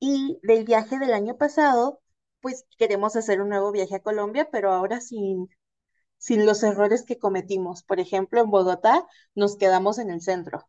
Y del viaje del año pasado, pues queremos hacer un nuevo viaje a Colombia, pero ahora sin los errores que cometimos. Por ejemplo, en Bogotá nos quedamos en el centro.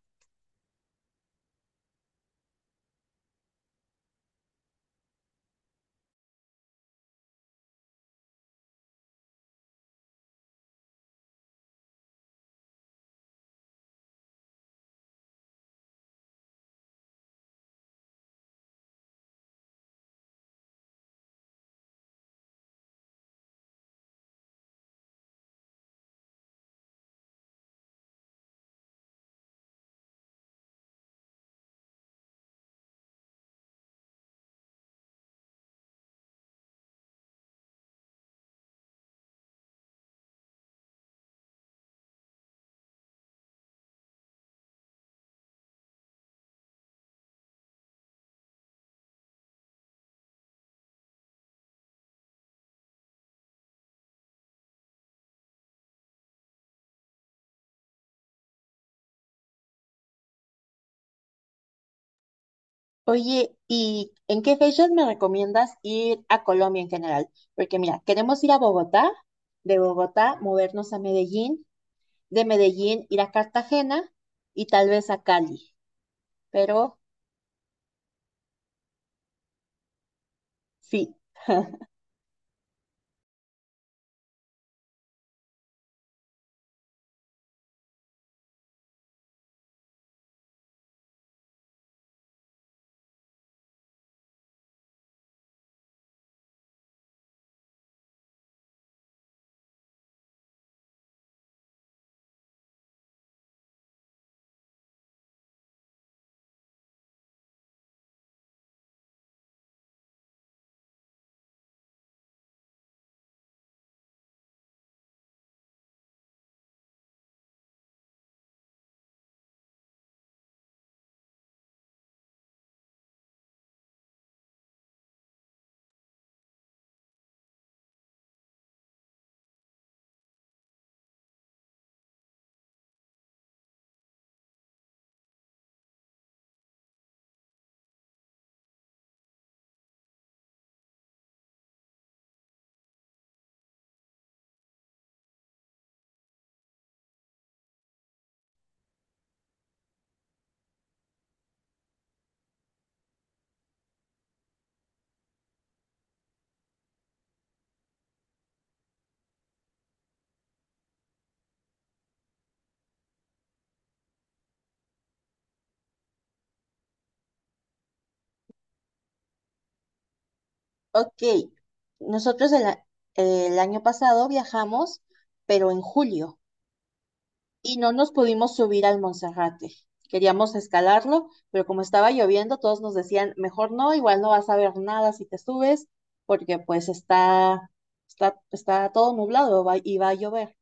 Oye, ¿y en qué fechas me recomiendas ir a Colombia en general? Porque mira, queremos ir a Bogotá, de Bogotá movernos a Medellín, de Medellín ir a Cartagena y tal vez a Cali. Pero sí, ok. Nosotros el año pasado viajamos, pero en julio. Y no nos pudimos subir al Monserrate. Queríamos escalarlo, pero como estaba lloviendo, todos nos decían, mejor no, igual no vas a ver nada si te subes, porque pues está todo nublado y va a llover.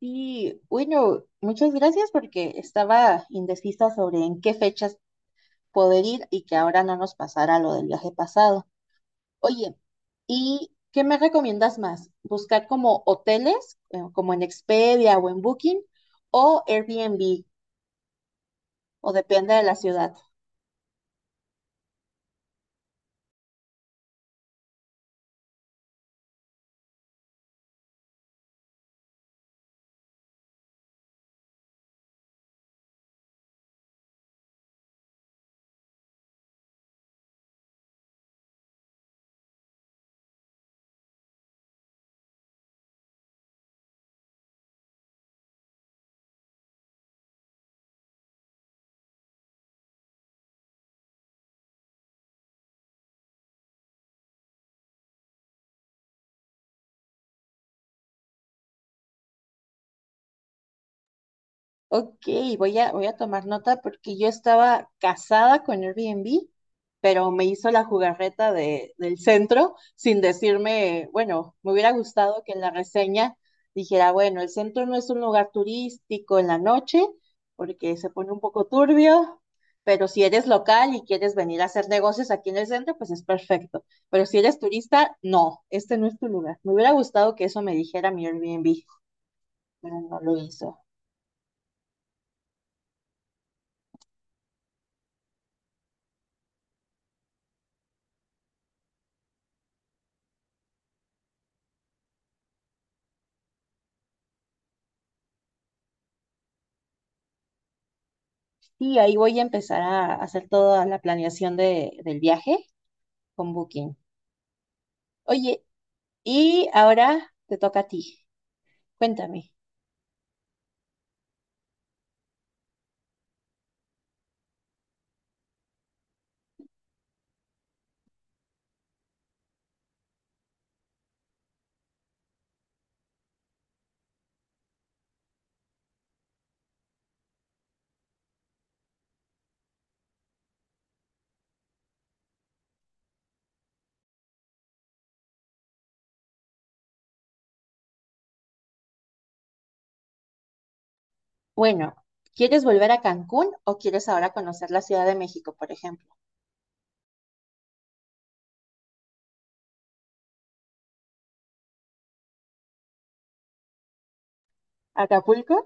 Y bueno, muchas gracias porque estaba indecisa sobre en qué fechas poder ir y que ahora no nos pasara lo del viaje pasado. Oye, ¿y qué me recomiendas más? ¿Buscar como hoteles, como en Expedia o en Booking, o Airbnb? O depende de la ciudad. Ok, voy a tomar nota porque yo estaba casada con Airbnb, pero me hizo la jugarreta del centro sin decirme, bueno, me hubiera gustado que en la reseña dijera, bueno, el centro no es un lugar turístico en la noche porque se pone un poco turbio, pero si eres local y quieres venir a hacer negocios aquí en el centro, pues es perfecto. Pero si eres turista, no, este no es tu lugar. Me hubiera gustado que eso me dijera mi Airbnb, pero no lo hizo. Sí, ahí voy a empezar a hacer toda la planeación del viaje con Booking. Oye, y ahora te toca a ti. Cuéntame. Bueno, ¿quieres volver a Cancún o quieres ahora conocer la Ciudad de México, por ejemplo? ¿Acapulco?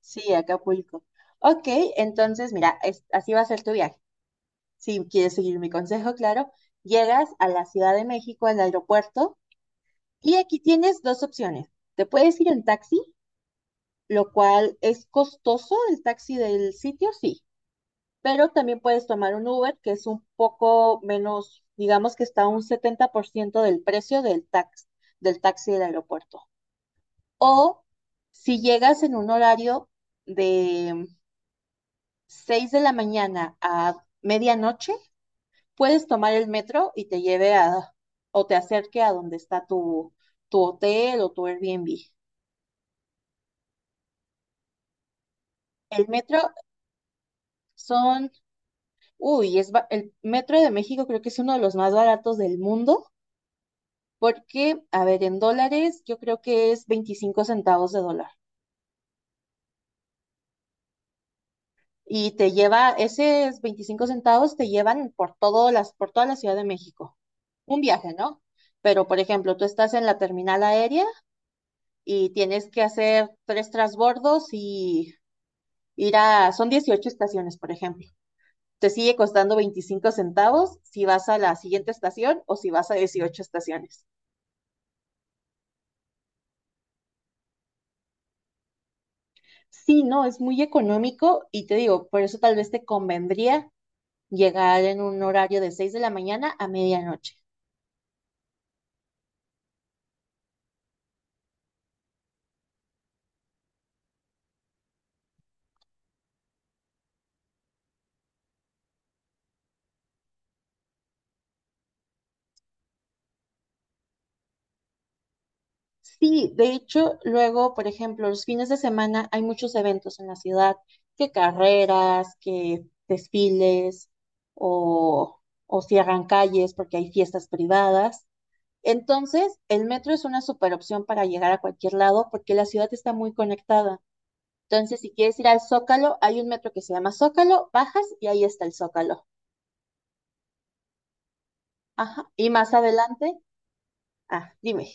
Sí, Acapulco. Ok, entonces mira, así va a ser tu viaje. Si quieres seguir mi consejo, claro, llegas a la Ciudad de México, al aeropuerto, y aquí tienes dos opciones. Te puedes ir en taxi, lo cual es costoso el taxi del sitio, sí, pero también puedes tomar un Uber, que es un poco menos, digamos que está a un 70% del precio del taxi del aeropuerto. O si llegas en un horario de 6 de la mañana a medianoche, puedes tomar el metro y te lleve a o te acerque a donde está tu hotel o tu Airbnb. El metro son, uy, el metro de México creo que es uno de los más baratos del mundo. Porque, a ver, en dólares yo creo que es 25 centavos de dólar. Y te lleva, esos 25 centavos te llevan por por toda la Ciudad de México. Un viaje, ¿no? Pero, por ejemplo, tú estás en la terminal aérea y tienes que hacer tres transbordos y son 18 estaciones, por ejemplo. Te sigue costando 25 centavos si vas a la siguiente estación o si vas a 18 estaciones. Sí, no, es muy económico y te digo, por eso tal vez te convendría llegar en un horario de 6 de la mañana a medianoche. Sí, de hecho, luego, por ejemplo, los fines de semana hay muchos eventos en la ciudad, que carreras, que desfiles o, o cierran calles porque hay fiestas privadas. Entonces, el metro es una super opción para llegar a cualquier lado porque la ciudad está muy conectada. Entonces, si quieres ir al Zócalo, hay un metro que se llama Zócalo, bajas y ahí está el Zócalo. Ajá. Y más adelante, ah, dime.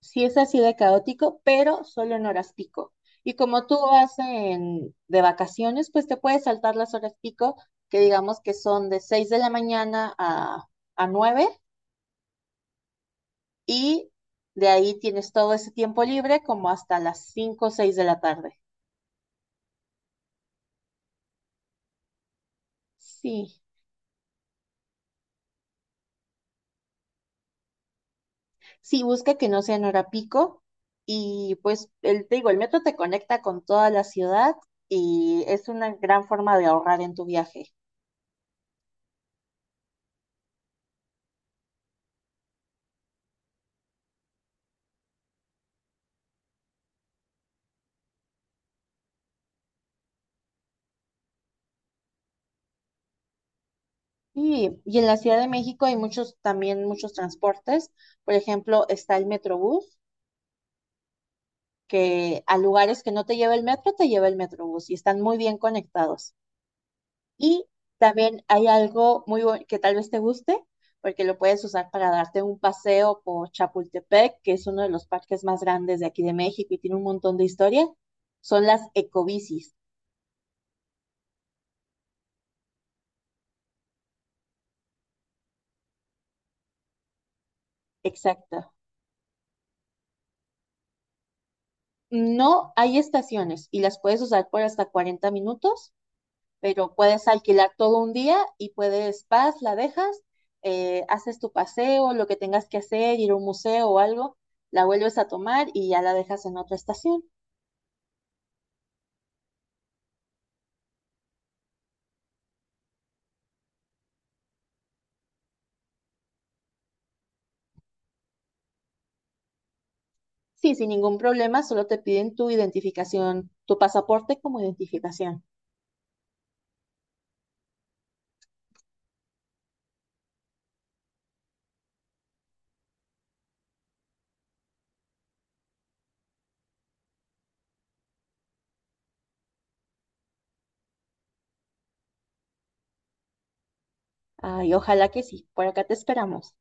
Sí, es así de caótico, pero solo en horas pico. Y como tú vas de vacaciones, pues te puedes saltar las horas pico, que digamos que son de 6 de la mañana a 9, y de ahí tienes todo ese tiempo libre como hasta las 5 o 6 de la tarde. Sí, sí, busca que no sea en hora pico. Y pues te digo, el metro te conecta con toda la ciudad y es una gran forma de ahorrar en tu viaje. Sí, y en la Ciudad de México hay muchos, también muchos transportes. Por ejemplo, está el Metrobús, que a lugares que no te lleva el metro, te lleva el Metrobús y están muy bien conectados. Y también hay algo muy bueno que tal vez te guste, porque lo puedes usar para darte un paseo por Chapultepec, que es uno de los parques más grandes de aquí de México y tiene un montón de historia. Son las ecobicis, exacto. No hay estaciones y las puedes usar por hasta 40 minutos, pero puedes alquilar todo un día y puedes, vas, la dejas, haces tu paseo, lo que tengas que hacer, ir a un museo o algo, la vuelves a tomar y ya la dejas en otra estación. Sí, sin ningún problema, solo te piden tu identificación, tu pasaporte como identificación. Ay, ojalá que sí, por acá te esperamos.